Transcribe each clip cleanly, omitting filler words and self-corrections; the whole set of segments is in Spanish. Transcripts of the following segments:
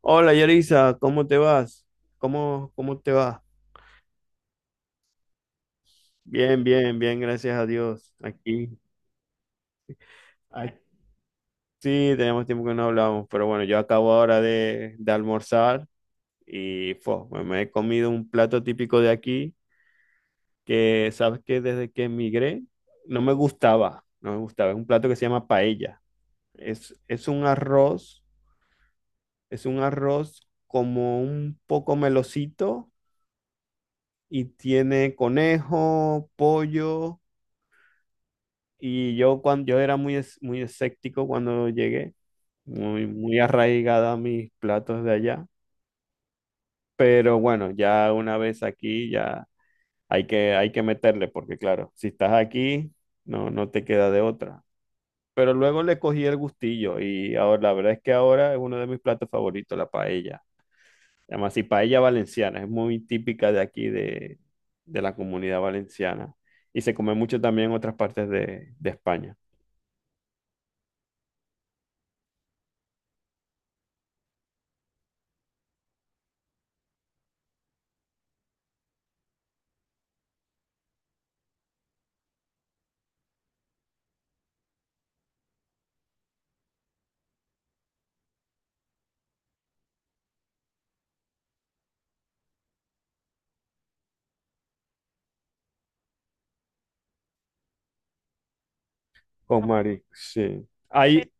Hola Yarisa, ¿cómo te vas? ¿Cómo te va? Bien, bien, bien, gracias a Dios. Aquí, ay, sí, tenemos tiempo que no hablamos, pero bueno, yo acabo ahora de almorzar y me he comido un plato típico de aquí que, sabes que desde que emigré no me gustaba, no me gustaba. Es un plato que se llama paella. Es un arroz, es un arroz como un poco melocito y tiene conejo, pollo. Y yo, cuando, yo era muy escéptico cuando llegué, muy, muy arraigada a mis platos de allá. Pero bueno, ya una vez aquí, ya hay que meterle, porque claro, si estás aquí, no te queda de otra. Pero luego le cogí el gustillo y ahora, la verdad es que ahora es uno de mis platos favoritos, la paella. Además, y paella valenciana, es muy típica de aquí, de la comunidad valenciana. Y se come mucho también en otras partes de España. Con Mari, sí. Hay,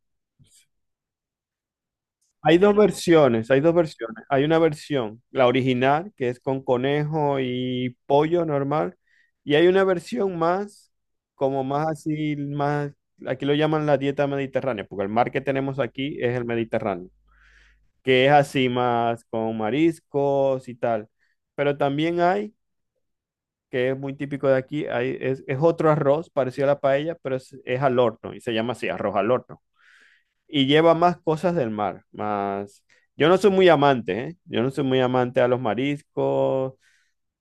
hay dos versiones, hay dos versiones. Hay una versión, la original, que es con conejo y pollo normal, y hay una versión más, como más así, más, aquí lo llaman la dieta mediterránea, porque el mar que tenemos aquí es el Mediterráneo, que es así más con mariscos y tal. Pero también hay, que es muy típico de aquí, hay, es otro arroz parecido a la paella, pero es al horno, y se llama así, arroz al horno. Y lleva más cosas del mar, más. Yo no soy muy amante, ¿eh? Yo no soy muy amante a los mariscos,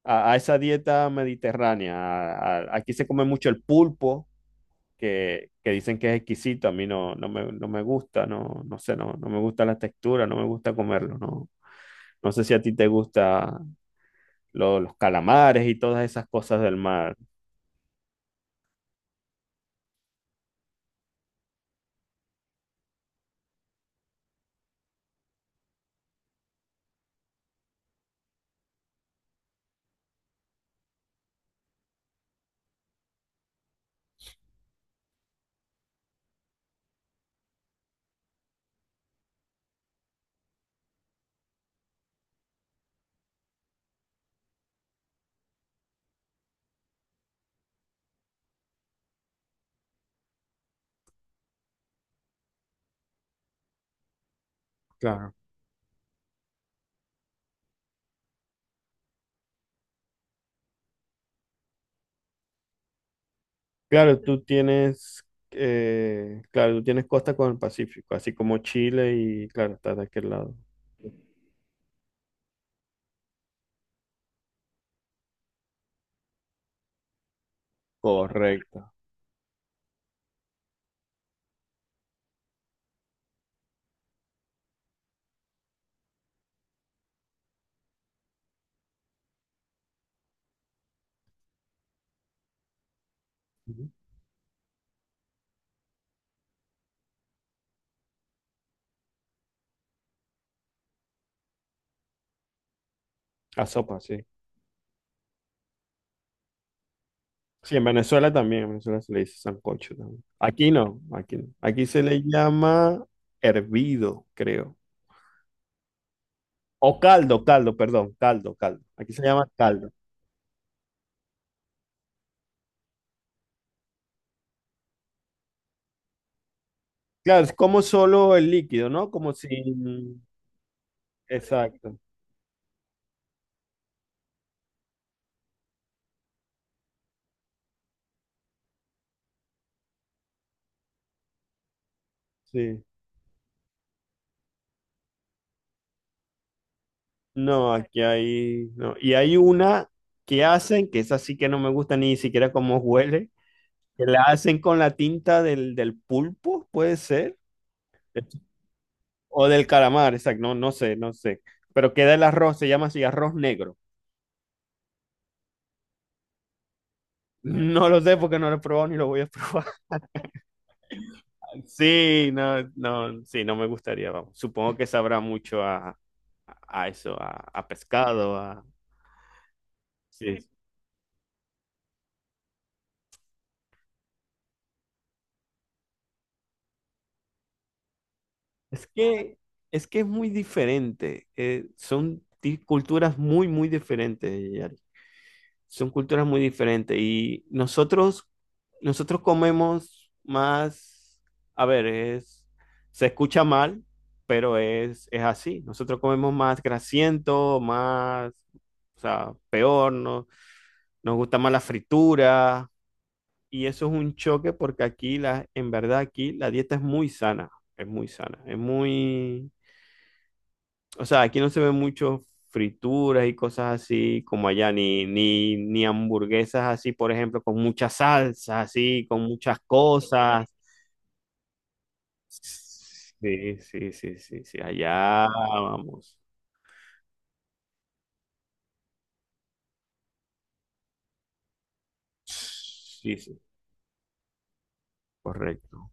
a esa dieta mediterránea. Aquí se come mucho el pulpo, que dicen que es exquisito. A mí no, no me gusta, no, no sé, no, no me gusta la textura, no me gusta comerlo, no. No sé si a ti te gusta los calamares y todas esas cosas del mar. Claro. Claro, tú tienes costa con el Pacífico, así como Chile y, claro, estás de aquel lado. Correcto. Ujú. A sopa, sí. Sí, en Venezuela también, en Venezuela se le dice sancocho también. Aquí no, aquí no. Aquí se le llama hervido, creo. O caldo, caldo, perdón, caldo, caldo. Aquí se llama caldo. Claro, es como solo el líquido, ¿no? Como sin. Exacto, sí. No, aquí hay. No. Y hay una que hacen, que esa sí que no me gusta ni siquiera cómo huele, que la hacen con la tinta del pulpo, puede ser. O del calamar, exacto. No, no sé, no sé. Pero queda el arroz, se llama así arroz negro. No lo sé porque no lo he probado ni lo voy a probar. Sí, no, no, sí, no me gustaría, vamos. Supongo que sabrá mucho a eso, a pescado, a. Sí. Es que, es que es muy diferente. Son culturas muy, muy diferentes, son culturas muy diferentes y nosotros comemos más, a ver, se escucha mal, pero es así. Nosotros comemos más grasiento, más, o sea, peor, no, nos gusta más la fritura y eso es un choque porque aquí, en verdad, aquí la dieta es muy sana, es muy sana, es muy, o sea, aquí no se ven mucho frituras y cosas así como allá, ni hamburguesas así, por ejemplo, con muchas salsas, así, con muchas cosas. Sí, sí, sí, sí, sí, allá vamos. Sí, sí, correcto.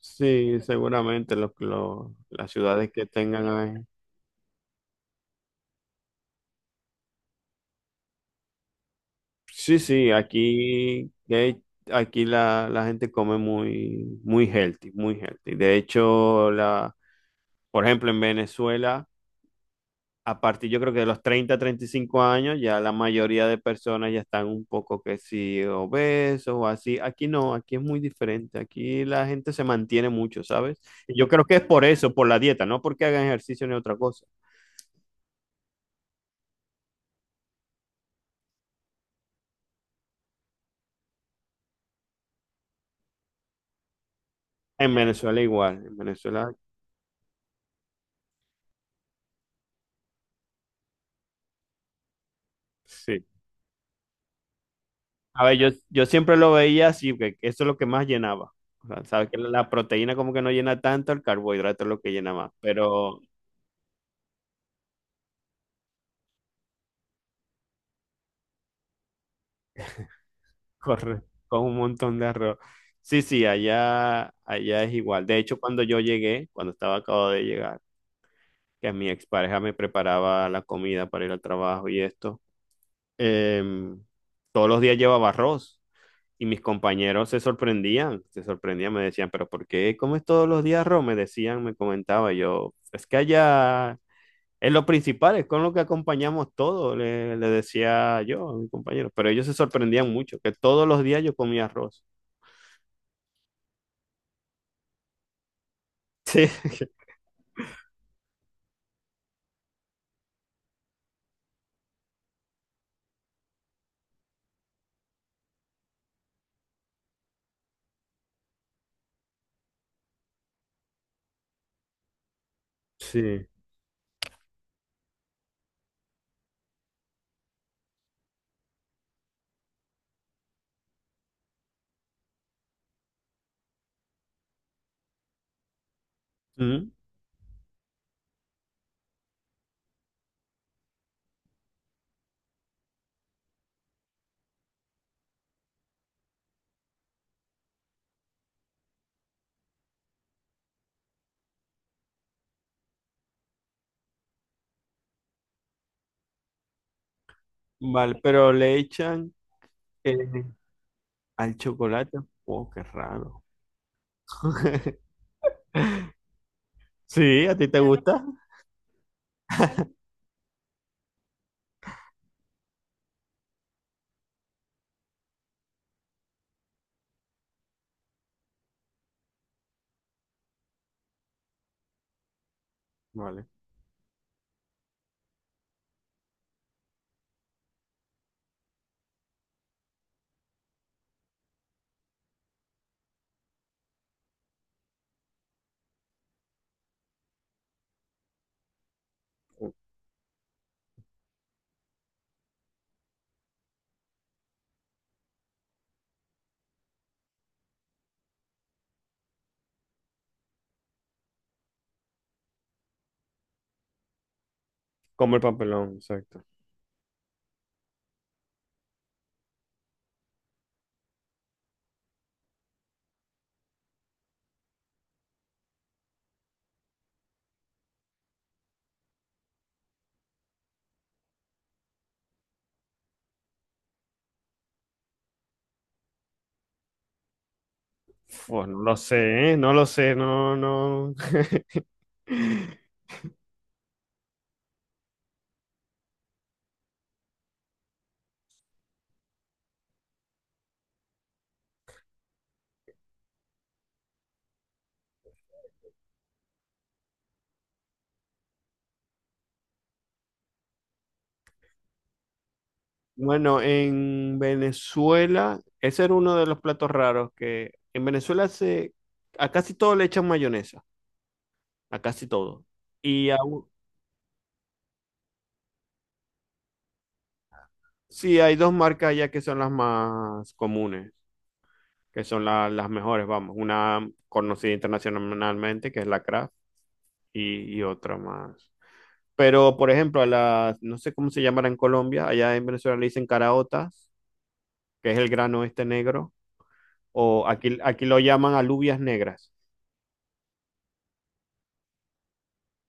Sí, seguramente las ciudades que tengan. Sí, sí, aquí, aquí la gente come muy, muy healthy, muy healthy. De hecho, por ejemplo, en Venezuela. A partir yo creo que de los 30, 35 años, ya la mayoría de personas ya están un poco que sí obesos o así. Aquí no, aquí es muy diferente. Aquí la gente se mantiene mucho, ¿sabes? Y yo creo que es por eso, por la dieta, no porque hagan ejercicio ni otra cosa. En Venezuela igual, en Venezuela sí. A ver, yo siempre lo veía así, que eso es lo que más llenaba. O sea, sabes que la proteína como que no llena tanto, el carbohidrato es lo que llena más. Pero. Correcto, con un montón de arroz. Sí, sí, allá, allá es igual. De hecho, cuando yo llegué, cuando estaba acabado de llegar, que mi expareja me preparaba la comida para ir al trabajo y esto, em, todos los días llevaba arroz y mis compañeros se sorprendían, me decían, pero ¿por qué comes todos los días arroz? Me decían, me comentaba yo, es que allá es lo principal, es con lo que acompañamos todo, le decía yo a mis compañeros, pero ellos se sorprendían mucho, que todos los días yo comía arroz. Sí. Sí. Mm. Vale, pero le echan eh, al chocolate. Oh, qué raro. Sí, ¿a ti te gusta? Vale. Como el papelón, exacto. Oh, no lo sé, ¿eh? No lo sé, no, no. Bueno, en Venezuela, ese era uno de los platos raros que en Venezuela se a casi todo le echan mayonesa, a casi todo. Y a u- sí, hay dos marcas ya que son las más comunes. Que son las mejores, vamos, una conocida internacionalmente, que es la Kraft, y otra más. Pero, por ejemplo, a las, no sé cómo se llamará en Colombia, allá en Venezuela le dicen caraotas, que es el grano este negro, o aquí, aquí lo llaman alubias negras,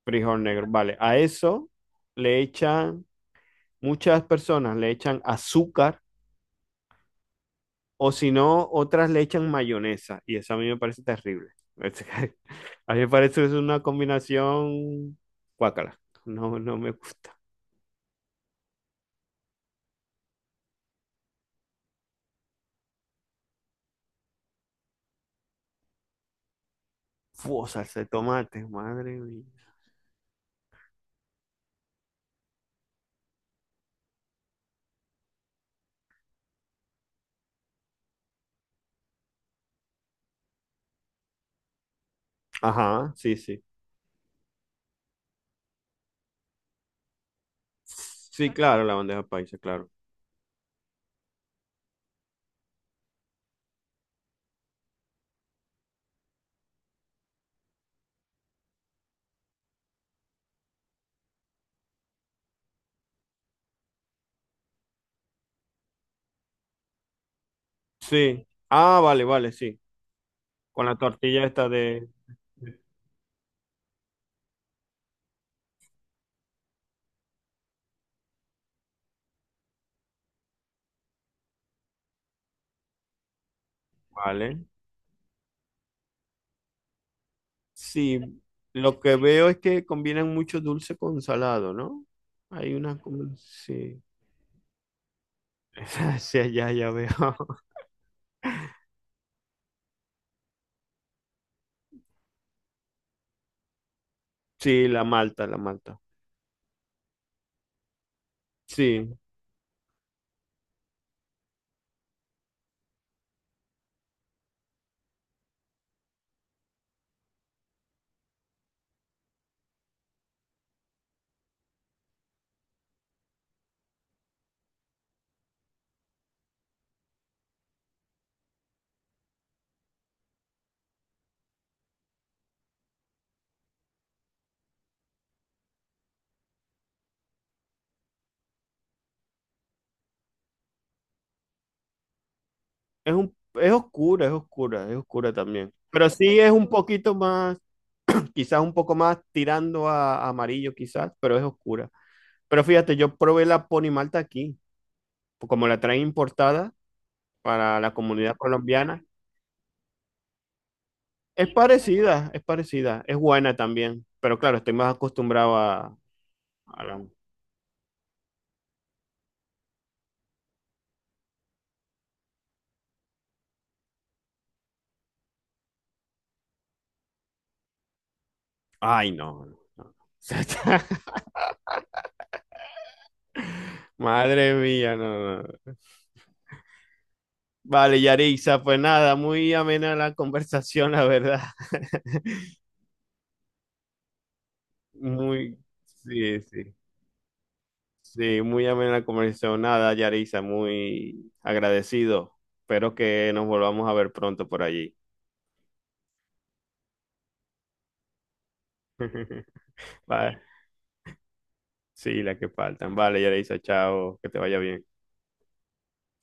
frijol negro, vale. A eso le echan, muchas personas le echan azúcar. O si no, otras le echan mayonesa y eso a mí me parece terrible. A mí me parece que es una combinación guácala. No, no me gusta. Fua, salsa de tomate, madre mía. Ajá, sí, sí. Sí, claro, la bandeja paisa, claro. Sí. Ah, vale, vale, sí. Con la tortilla esta de. Vale. Sí, lo que veo es que combinan mucho dulce con salado, ¿no? Hay una. Sí. Sí, ya, ya veo. Sí, la Malta, la Malta. Sí, es oscura, es oscura, es oscura también. Pero sí es un poquito más, quizás un poco más tirando a amarillo, quizás, pero es oscura. Pero fíjate, yo probé la Pony Malta aquí, como la traen importada para la comunidad colombiana. Es parecida, es parecida, es buena también. Pero claro, estoy más acostumbrado a la. Ay, no. No, no. Madre mía, no, no. Vale, Yarixa, pues nada, muy amena la conversación, la verdad. Muy, sí, sí, sí, muy amena la conversación. Nada, Yarixa, muy agradecido. Espero que nos volvamos a ver pronto por allí. Vale, sí, la que faltan. Vale, Yarixa, chao, que te vaya bien.